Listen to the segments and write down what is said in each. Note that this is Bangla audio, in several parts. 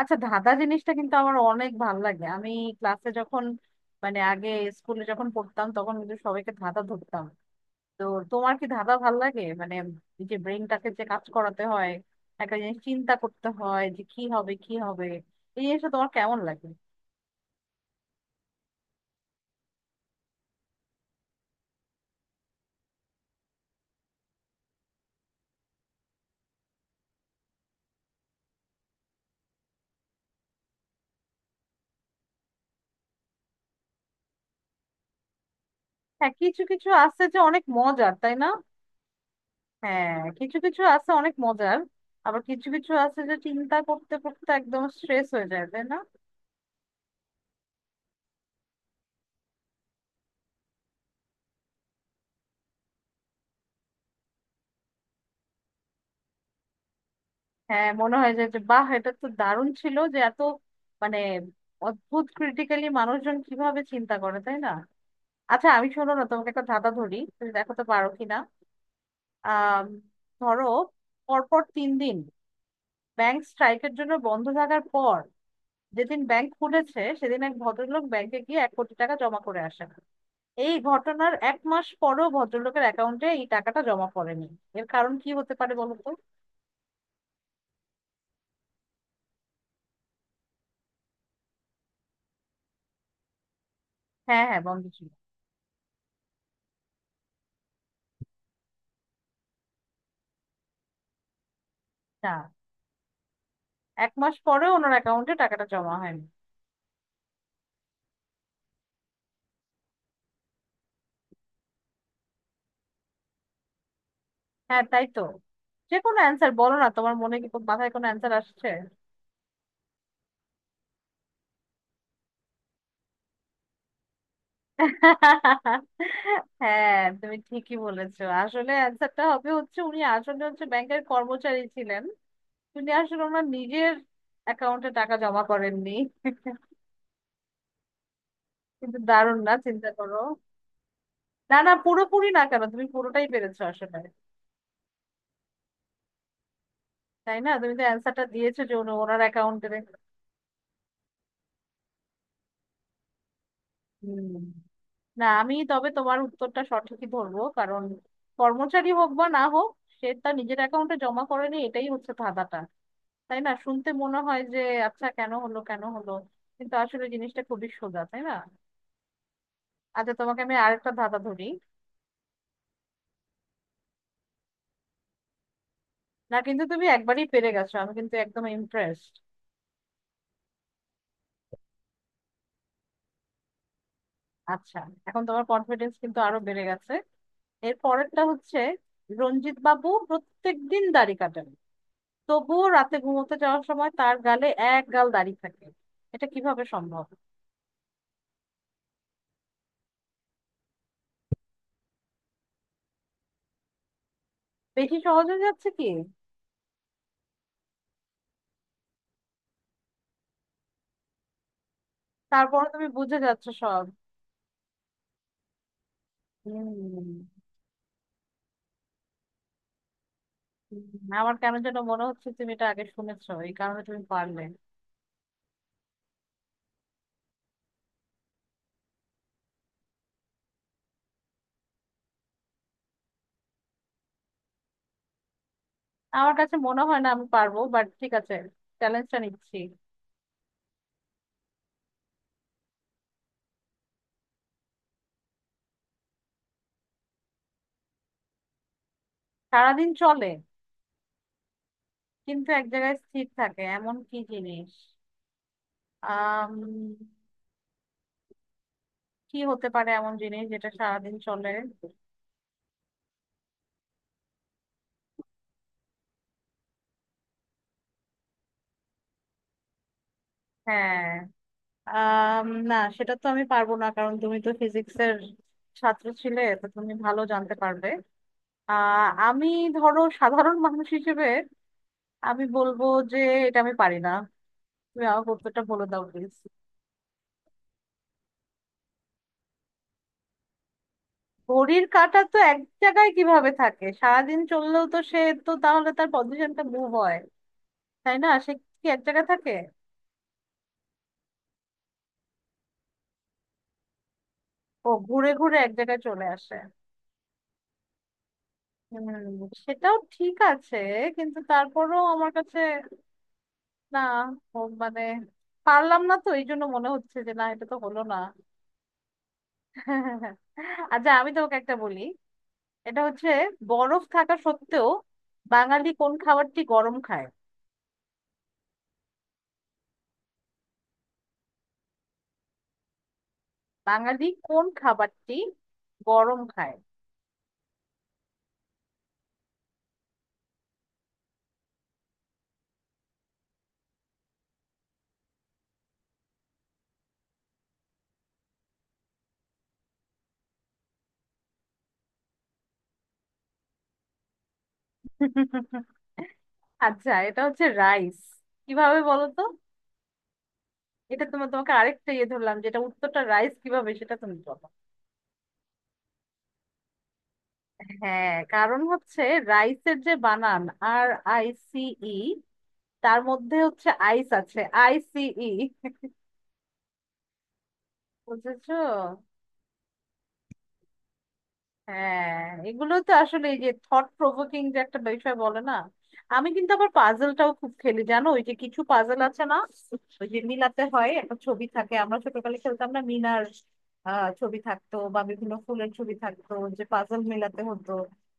আচ্ছা, ধাঁধা জিনিসটা কিন্তু আমার অনেক ভালো লাগে। আমি ক্লাসে যখন আগে স্কুলে যখন পড়তাম, তখন কিন্তু সবাইকে ধাঁধা ধরতাম। তো তোমার কি ধাঁধা ভাল লাগে? এই যে ব্রেনটাকে যে কাজ করাতে হয়, একটা জিনিস চিন্তা করতে হয় যে কি হবে কি হবে, এই জিনিসটা তোমার কেমন লাগে? হ্যাঁ, কিছু কিছু আছে যে অনেক মজার, তাই না? হ্যাঁ, কিছু কিছু আছে অনেক মজার। আবার কিছু কিছু আছে যে চিন্তা করতে করতে একদম স্ট্রেস হয়ে যায়, তাই না? হ্যাঁ, মনে হয় যে যে বাহ, এটা তো দারুণ ছিল, যে এত মানে অদ্ভুত, ক্রিটিক্যালি মানুষজন কিভাবে চিন্তা করে, তাই না? আচ্ছা, আমি শোনো না, তোমাকে একটা ধাঁধা ধরি, তুমি দেখাতে পারো কিনা। আহ ধরো, পরপর 3 দিন ব্যাংক স্ট্রাইকের জন্য বন্ধ থাকার পর যেদিন ব্যাংক খুলেছে, সেদিন এক ভদ্রলোক ব্যাংকে গিয়ে 1 কোটি টাকা জমা করে আসেন। এই ঘটনার 1 মাস পরেও ভদ্রলোকের অ্যাকাউন্টে এই টাকাটা জমা পড়েনি। এর কারণ কি হতে পারে বলো তো? হ্যাঁ হ্যাঁ, বন্ধ ছিল। না, এক মাস পরে ওনার অ্যাকাউন্টে টাকাটা জমা হয়নি। হ্যাঁ, তাই তো। যে কোনো অ্যান্সার বলো না, তোমার মনে কি মাথায় কোনো অ্যান্সার আসছে? হ্যাঁ, তুমি ঠিকই বলেছো। আসলে অ্যান্সারটা হবে হচ্ছে, উনি আসলে হচ্ছে ব্যাংকের কর্মচারী ছিলেন। উনি আসলে ওনার নিজের অ্যাকাউন্টে টাকা জমা করেননি। কিন্তু দারুণ না, চিন্তা করো। না না, পুরোপুরি না কেন, তুমি পুরোটাই পেরেছো আসলে। তাই না? তুমি তো অ্যান্সারটা দিয়েছো যে উনি ওনার অ্যাকাউন্টে। না, আমি তবে তোমার উত্তরটা সঠিকই ধরবো, কারণ কর্মচারী হোক বা না হোক, সে তার নিজের অ্যাকাউন্টে জমা করেনি, এটাই হচ্ছে ধাঁধাটা। তাই না? শুনতে মনে হয় যে আচ্ছা, কেন হলো কেন হলো, কিন্তু আসলে জিনিসটা খুবই সোজা, তাই না? আচ্ছা, তোমাকে আমি আরেকটা ধাঁধা ধরি। না কিন্তু, তুমি একবারই পেরে গেছো, আমি কিন্তু একদম ইমপ্রেসড। আচ্ছা, এখন তোমার কনফিডেন্স কিন্তু আরো বেড়ে গেছে। এর পরেরটা হচ্ছে, রঞ্জিত বাবু প্রত্যেকদিন দাড়ি কাটেন, তবুও রাতে ঘুমোতে যাওয়ার সময় তার গালে এক গাল দাড়ি থাকে। এটা কিভাবে সম্ভব? বেশি সহজ হয়ে যাচ্ছে কি? তারপরে তুমি বুঝে যাচ্ছ সব। হম আমার কেন যেন মনে হচ্ছে তুমি এটা আগে শুনেছো, এই কারণে তুমি পারলে। আমার কাছে মনে হয় না আমি পারবো, বাট ঠিক আছে, চ্যালেঞ্জটা নিচ্ছি। সারাদিন চলে কিন্তু এক জায়গায় স্থির থাকে, এমন কি জিনিস? আহ কি হতে পারে এমন জিনিস যেটা সারাদিন চলে? হ্যাঁ। আম, না, সেটা তো আমি পারবো না, কারণ তুমি তো ফিজিক্সের ছাত্র ছিলে, তো তুমি ভালো জানতে পারবে। আমি ধরো সাধারণ মানুষ হিসেবে আমি বলবো যে এটা আমি পারি না। তুমি আমাকে উত্তরটা বলে দাও প্লিজ। ঘড়ির কাঁটা তো এক জায়গায় কিভাবে থাকে? সারাদিন চললেও তো সে, তো তাহলে তার পজিশনটা মুভ হয়, তাই না? সে কি এক জায়গায় থাকে? ও, ঘুরে ঘুরে এক জায়গায় চলে আসে। হুম, সেটাও ঠিক আছে, কিন্তু তারপরও আমার কাছে, না, ও পারলাম না, তো এই জন্য মনে হচ্ছে যে না, এটা তো হলো না। আচ্ছা, আমি তোমাকে একটা বলি। এটা হচ্ছে, বরফ থাকা সত্ত্বেও বাঙালি কোন খাবারটি গরম খায়? বাঙালি কোন খাবারটি গরম খায়? আচ্ছা, এটা হচ্ছে রাইস। কিভাবে বলো তো? এটা তোমার তোমাকে আরেকটা ইয়ে ধরলাম, যেটা উত্তরটা রাইস, কিভাবে সেটা তুমি বলো। হ্যাঁ, কারণ হচ্ছে রাইসের যে বানান, আর আই সি ই, তার মধ্যে হচ্ছে আইস আছে, আইসিই। বুঝেছো? হ্যাঁ, এগুলো তো আসলে এই যে থট প্রভোকিং যে একটা বিষয় বলে না। আমি কিন্তু আবার পাজলটাও খুব খেলি জানো, ওই যে কিছু পাজল আছে না, ওই যে মিলাতে হয়, একটা ছবি থাকে, আমরা ছোটকালে খেলতাম না মিনার, ছবি থাকতো বা বিভিন্ন ফুলের ছবি থাকতো, যে পাজল মিলাতে হতো।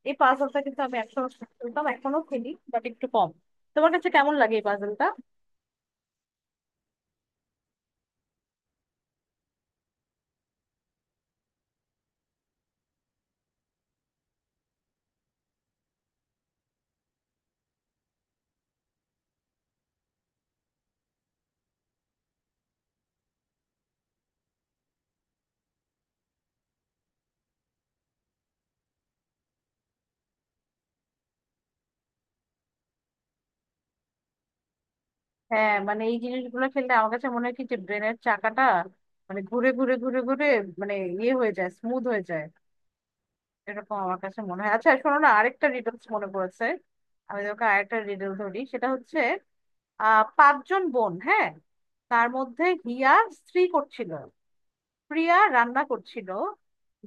এই পাজলটা কিন্তু আমি একসময় খেলতাম, এখনো খেলি বাট একটু কম। তোমার কাছে কেমন লাগে এই পাজলটা? হ্যাঁ, এই জিনিসগুলো খেললে আমার কাছে মনে হয় কি, যে ব্রেনের চাকাটা ঘুরে ঘুরে ঘুরে ঘুরে ইয়ে হয়ে যায়, স্মুথ হয়ে যায়, এরকম আমার কাছে মনে হয়। আচ্ছা শোনো না, আরেকটা রিডলস মনে পড়েছে। আমি তোকে আরেকটা রিডল ধরি, সেটা হচ্ছে, পাঁচজন বোন, হ্যাঁ, তার মধ্যে হিয়া স্ত্রী করছিল, প্রিয়া রান্না করছিল,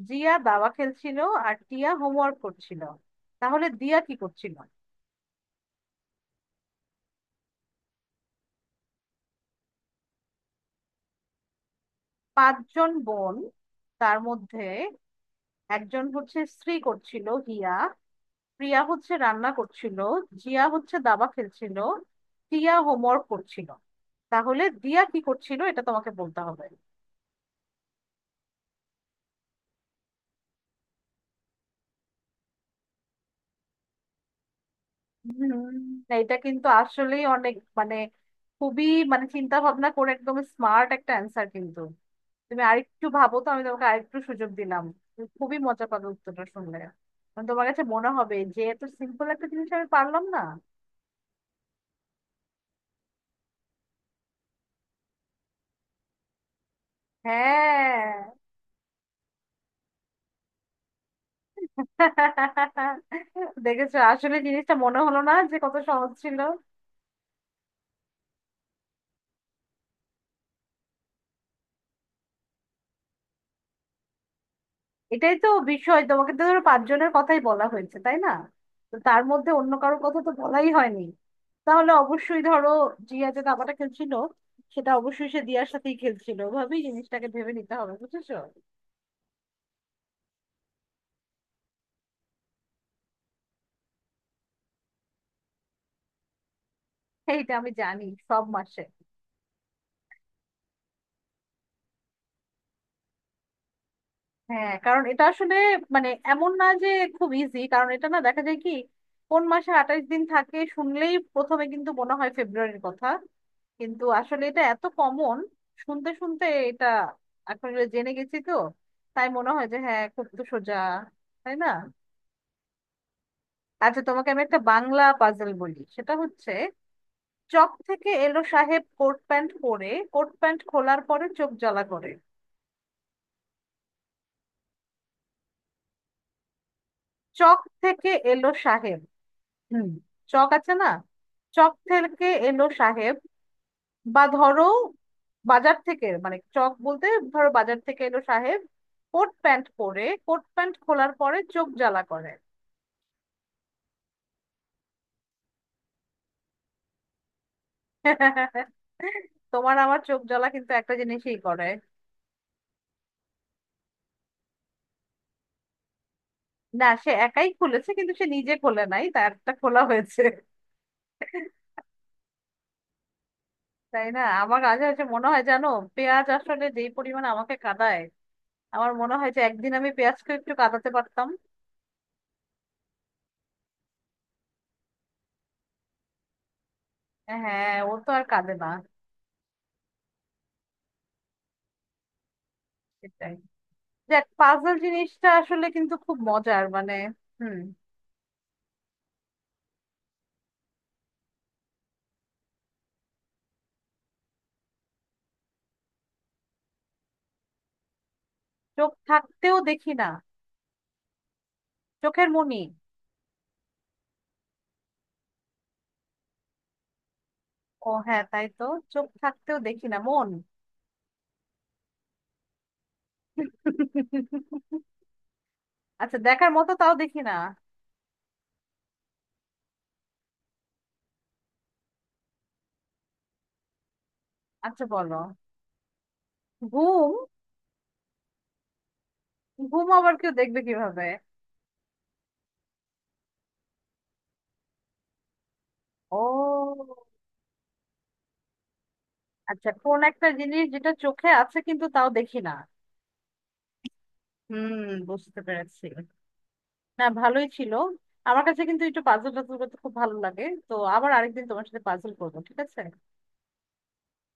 জিয়া দাবা খেলছিল, আর টিয়া হোমওয়ার্ক করছিল। তাহলে দিয়া কি করছিল? পাঁচজন বোন, তার মধ্যে একজন হচ্ছে স্ত্রী করছিল হিয়া, প্রিয়া হচ্ছে রান্না করছিল, জিয়া হচ্ছে দাবা খেলছিল, টিয়া হোমওয়ার্ক করছিল, তাহলে দিয়া কি করছিল, এটা তোমাকে বলতে হবে। হুম, না, এটা কিন্তু আসলেই অনেক খুবই চিন্তা ভাবনা করে একদম স্মার্ট একটা অ্যান্সার, কিন্তু তুমি আরেকটু ভাবো তো, আমি তোমাকে আরেকটু সুযোগ দিলাম। তুমি খুবই মজা পাবে উত্তরটা শুনলে। তোমার কাছে মনে হবে যে এত সিম্পল একটা জিনিস আমি পারলাম না। হ্যাঁ। দেখেছো আসলে জিনিসটা, মনে হলো না যে কত সহজ ছিল। এটাই তো বিষয়, তোমাকে তো ধরো পাঁচজনের কথাই বলা হয়েছে, তাই না? তো তার মধ্যে অন্য কারো কথা তো বলাই হয়নি, তাহলে অবশ্যই ধরো, জিয়া যে দাবাটা খেলছিল, সেটা অবশ্যই সে দিয়ার সাথেই খেলছিল, ওভাবেই জিনিসটাকে ভেবে নিতে হবে, বুঝেছো? এইটা আমি জানি, সব মাসে। হ্যাঁ, কারণ এটা আসলে এমন না যে খুব ইজি, কারণ এটা না দেখা যায় কি, কোন মাসে 28 দিন থাকে শুনলেই প্রথমে কিন্তু মনে হয় ফেব্রুয়ারির কথা, কিন্তু আসলে এটা এত কমন, শুনতে শুনতে এটা, এখন এটা জেনে গেছি তো, তাই মনে হয় যে হ্যাঁ খুব তো সোজা, তাই না? আচ্ছা, তোমাকে আমি একটা বাংলা পাজল বলি, সেটা হচ্ছে চক থেকে এলো সাহেব কোট প্যান্ট পরে, কোট প্যান্ট খোলার পরে চোখ জ্বালা করে। চক থেকে এলো সাহেব। হুম, চক আছে না, চক থেকে এলো সাহেব, বা ধরো বাজার থেকে, চক বলতে ধরো বাজার থেকে এলো সাহেব, কোট প্যান্ট পরে, কোট প্যান্ট খোলার পরে চোখ জ্বালা করে। তোমার আমার চোখ জ্বালা কিন্তু একটা জিনিসই করে। না, সে একাই খুলেছে, কিন্তু সে নিজে খোলে নাই, তারটা খোলা হয়েছে। তাই না? আমার কাছে হচ্ছে মনে হয় জানো, পেঁয়াজ আসলে যেই পরিমাণে আমাকে কাঁদায়, আমার মনে হয় যে একদিন আমি পেঁয়াজকে একটু কাঁদাতে পারতাম। হ্যাঁ, ও তো আর কাঁদে না। সেটাই। দেখ, পাজল জিনিসটা আসলে কিন্তু খুব মজার, হুম। চোখ থাকতেও দেখি না। চোখের মনি। ও হ্যাঁ তাই তো। চোখ থাকতেও দেখি না, মন। আচ্ছা, দেখার মতো তাও দেখি না। আচ্ছা বলো। ঘুম। ঘুম আবার কেউ দেখবে কিভাবে? ও, আচ্ছা, কোন একটা জিনিস যেটা চোখে আছে কিন্তু তাও দেখি না। হুম, বুঝতে পেরেছি। না, ভালোই ছিল। আমার কাছে কিন্তু একটু পাজল টাজল করতে খুব ভালো লাগে, তো আবার আরেকদিন তোমার সাথে পাজল করবো, ঠিক আছে?